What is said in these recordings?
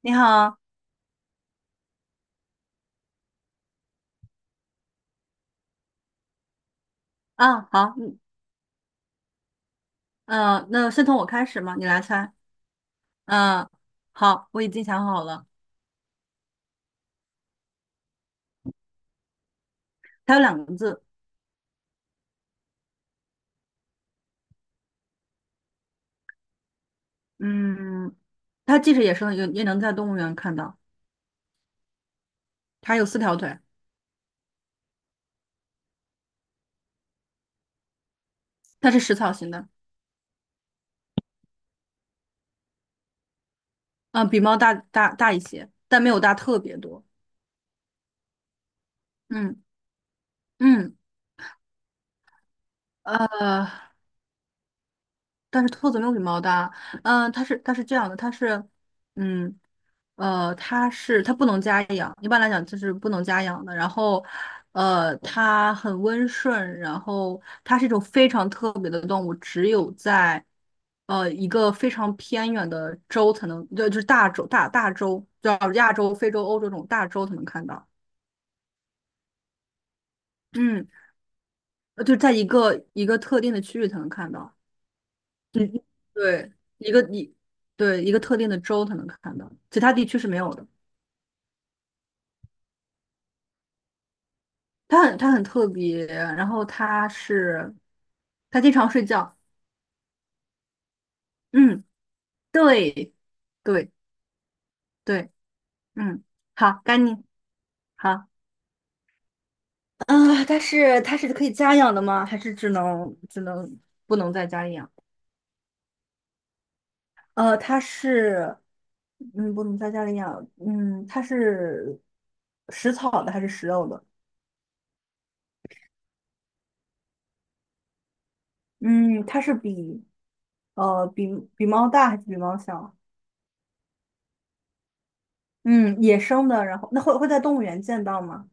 你好。好，那先从我开始嘛，你来猜。嗯、好，我已经想好了。它有两个字。嗯，它即使野生的也能在动物园看到。它有四条腿。它是食草型的。嗯、比猫大一些，但没有大特别多。嗯嗯。呃，但是兔子没有比猫大。它是这样的，它是，嗯。它是不能家养，一般来讲就是不能家养的。然后，它很温顺，然后它是一种非常特别的动物，只有在一个非常偏远的州才能，就是大洲，叫亚洲、非洲、欧洲这种大洲才能看到。嗯。就在一个特定的区域才能看到。嗯，对。一个一对一个特定的州才能看到，其他地区是没有的。它很特别，然后它是它经常睡觉。嗯。对，对，对。嗯。好，该你。好。啊，它是可以家养的吗？还是只能不能在家里养？呃，它是不能在家里养，嗯，它是食草的还是食肉的？嗯，它是比呃比比猫大还是比猫小？嗯，野生的，然后那会在动物园见到吗？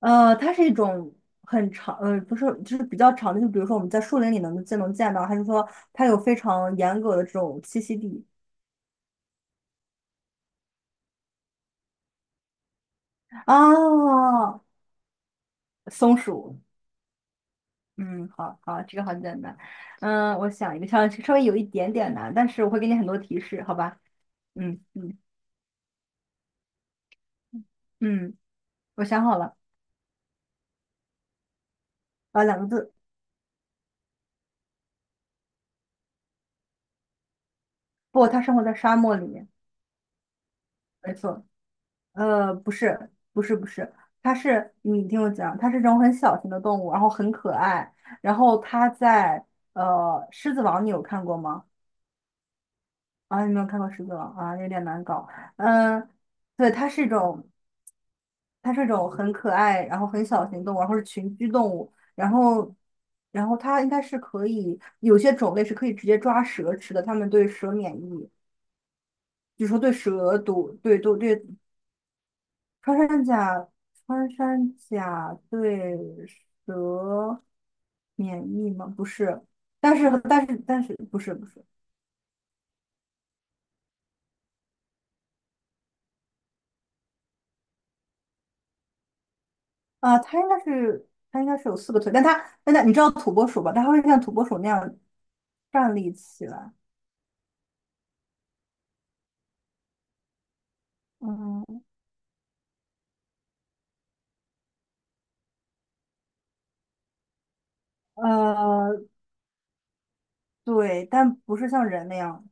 它是一种很长，不是，就是比较长的，就比如说我们在树林里能见到，还是说它有非常严格的这种栖息地。 啊？松鼠。嗯，好好，这个好简单。嗯，我想一个稍微有一点点难，但是我会给你很多提示，好吧？嗯嗯。嗯，我想好了。啊，两个字。不，它生活在沙漠里面。没错。不是，不是，不是，它是，你听我讲，它是这种很小型的动物，然后很可爱，然后它在呃《狮子王》，你有看过吗？啊，你没有看过《狮子王》啊，有点难搞。嗯，对，它是一种，它是一种很可爱，然后很小型动物，然后是群居动物，然后，然后它应该是可以，有些种类是可以直接抓蛇吃的，它们对蛇免疫。比如说对蛇毒，穿山甲。穿山甲对蛇免疫吗？不是。但是不是啊，它应该是有四个腿，但它你知道土拨鼠吧？它会像土拨鼠那样站立起来。嗯呃，对，但不是像人那样。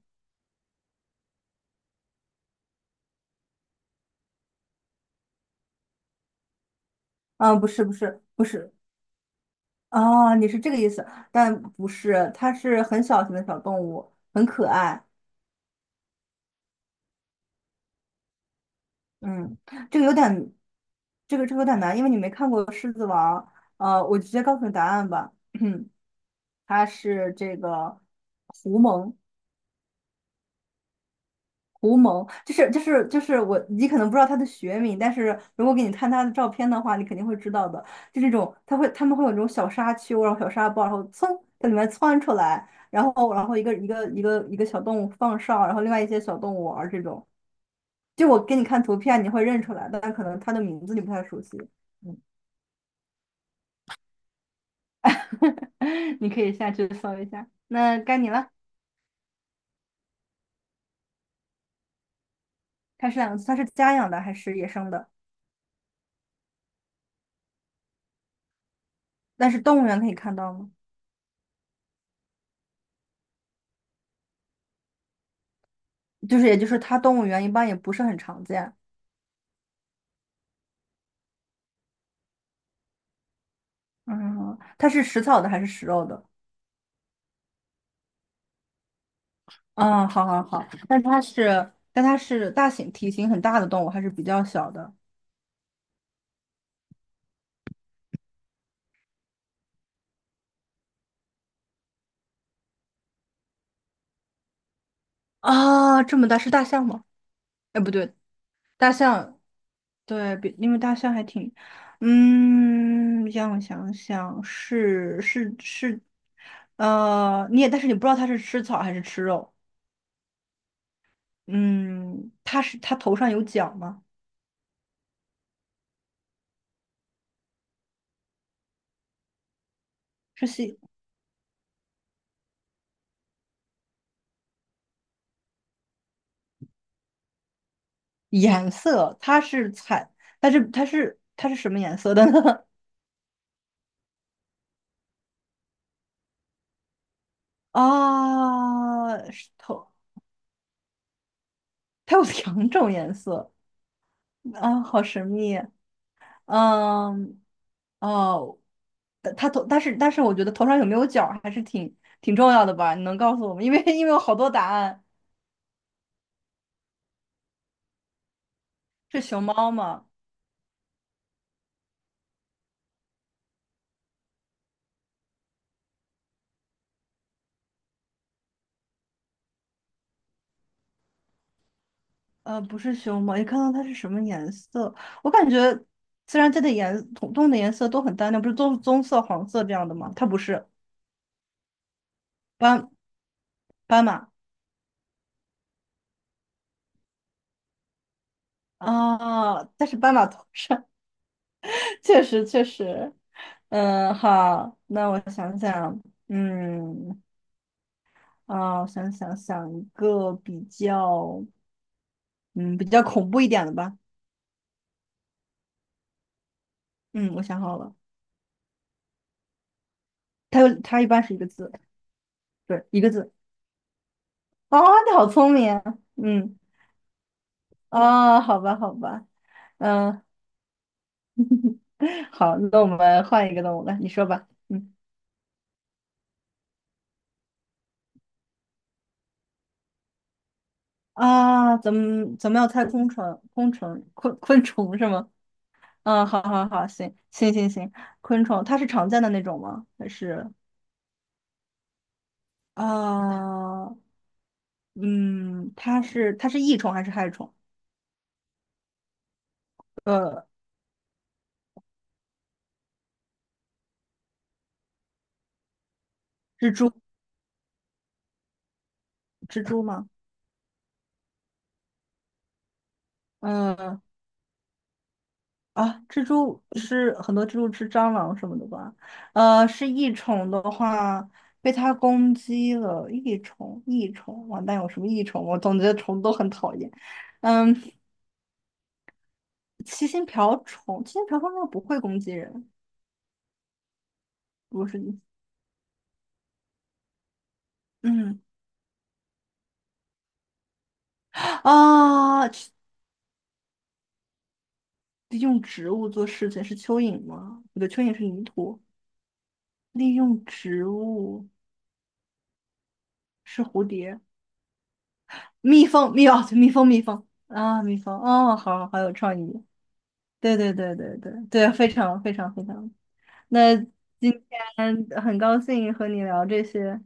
啊，不是，不是，不是。啊，你是这个意思，但不是，它是很小型的小动物，很可爱。嗯，这个有点，这个有点难，因为你没看过《狮子王》。我直接告诉你答案吧。它是这个狐獴。狐獴就是我，你可能不知道它的学名，但是如果给你看它的照片的话，你肯定会知道的。就这种，它们会有这种小沙丘，然后小沙包，然后噌在里面窜出来，然后一个一个小动物放哨，然后另外一些小动物玩儿这种。就我给你看图片，你会认出来，但可能它的名字你不太熟悉。嗯。你可以下去搜一下。那该你了。它是家养的还是野生的？但是动物园可以看到吗？就是，也就是它动物园一般也不是很常见。嗯，它是食草的还是食肉的？嗯，好好好。但它是，但它是大型体型很大的动物还是比较小的？啊，这么大是大象吗？哎，不对，大象。对，比因为大象还挺，嗯，让我想想，是，是，是。你也，但是你不知道它是吃草还是吃肉。嗯，它是它头上有角吗？是系颜色，它是彩，但是它是什么颜色的呢？啊，是头，它有两种颜色。啊，好神秘啊。嗯。哦，但他头，但是我觉得头上有没有角儿还是挺重要的吧？你能告诉我吗？因为有好多答案。是熊猫吗？不是熊猫，你看到它是什么颜色？我感觉自然界的动物的颜色都很单调，不是棕色、黄色这样的吗？它不是斑斑马。啊，但是斑马头上。 确实确实。嗯，好，那我想想。嗯。啊，我想一个比较。嗯，比较恐怖一点的吧。嗯，我想好了。它一般是一个字。对，一个字。啊，你好聪明啊。嗯。啊，好吧，好吧。嗯。好，那我们换一个动物来，你说吧。嗯。啊，咱们要猜昆虫，昆虫，昆虫是吗？嗯，好好好，行行行行。昆虫它是常见的那种吗？还是。啊。嗯，它是益虫还是害虫？呃，蜘蛛，蜘蛛吗？嗯。啊，蜘蛛是很多蜘蛛吃蟑螂什么的吧？是益虫的话，被它攻击了，益虫，益虫，完蛋，有什么益虫？我总觉得虫都很讨厌。嗯。七星瓢虫，七星瓢虫应该不会攻击人，不是你。嗯。啊，去利用植物做事情是蚯蚓吗？不对，蚯蚓是泥土。利用植物，是蝴蝶。蜜蜂，蜜，哦，对蜜蜂，蜜蜂啊，蜜蜂哦，好好有创意。对对对对对对，非常非常非常。那今天很高兴和你聊这些。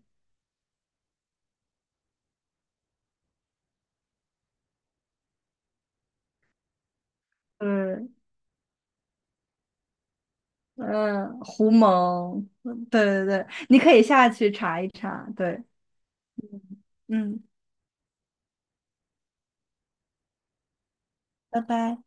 嗯嗯，胡蒙，嗯对对对，你可以下去查一查，对。嗯，拜拜。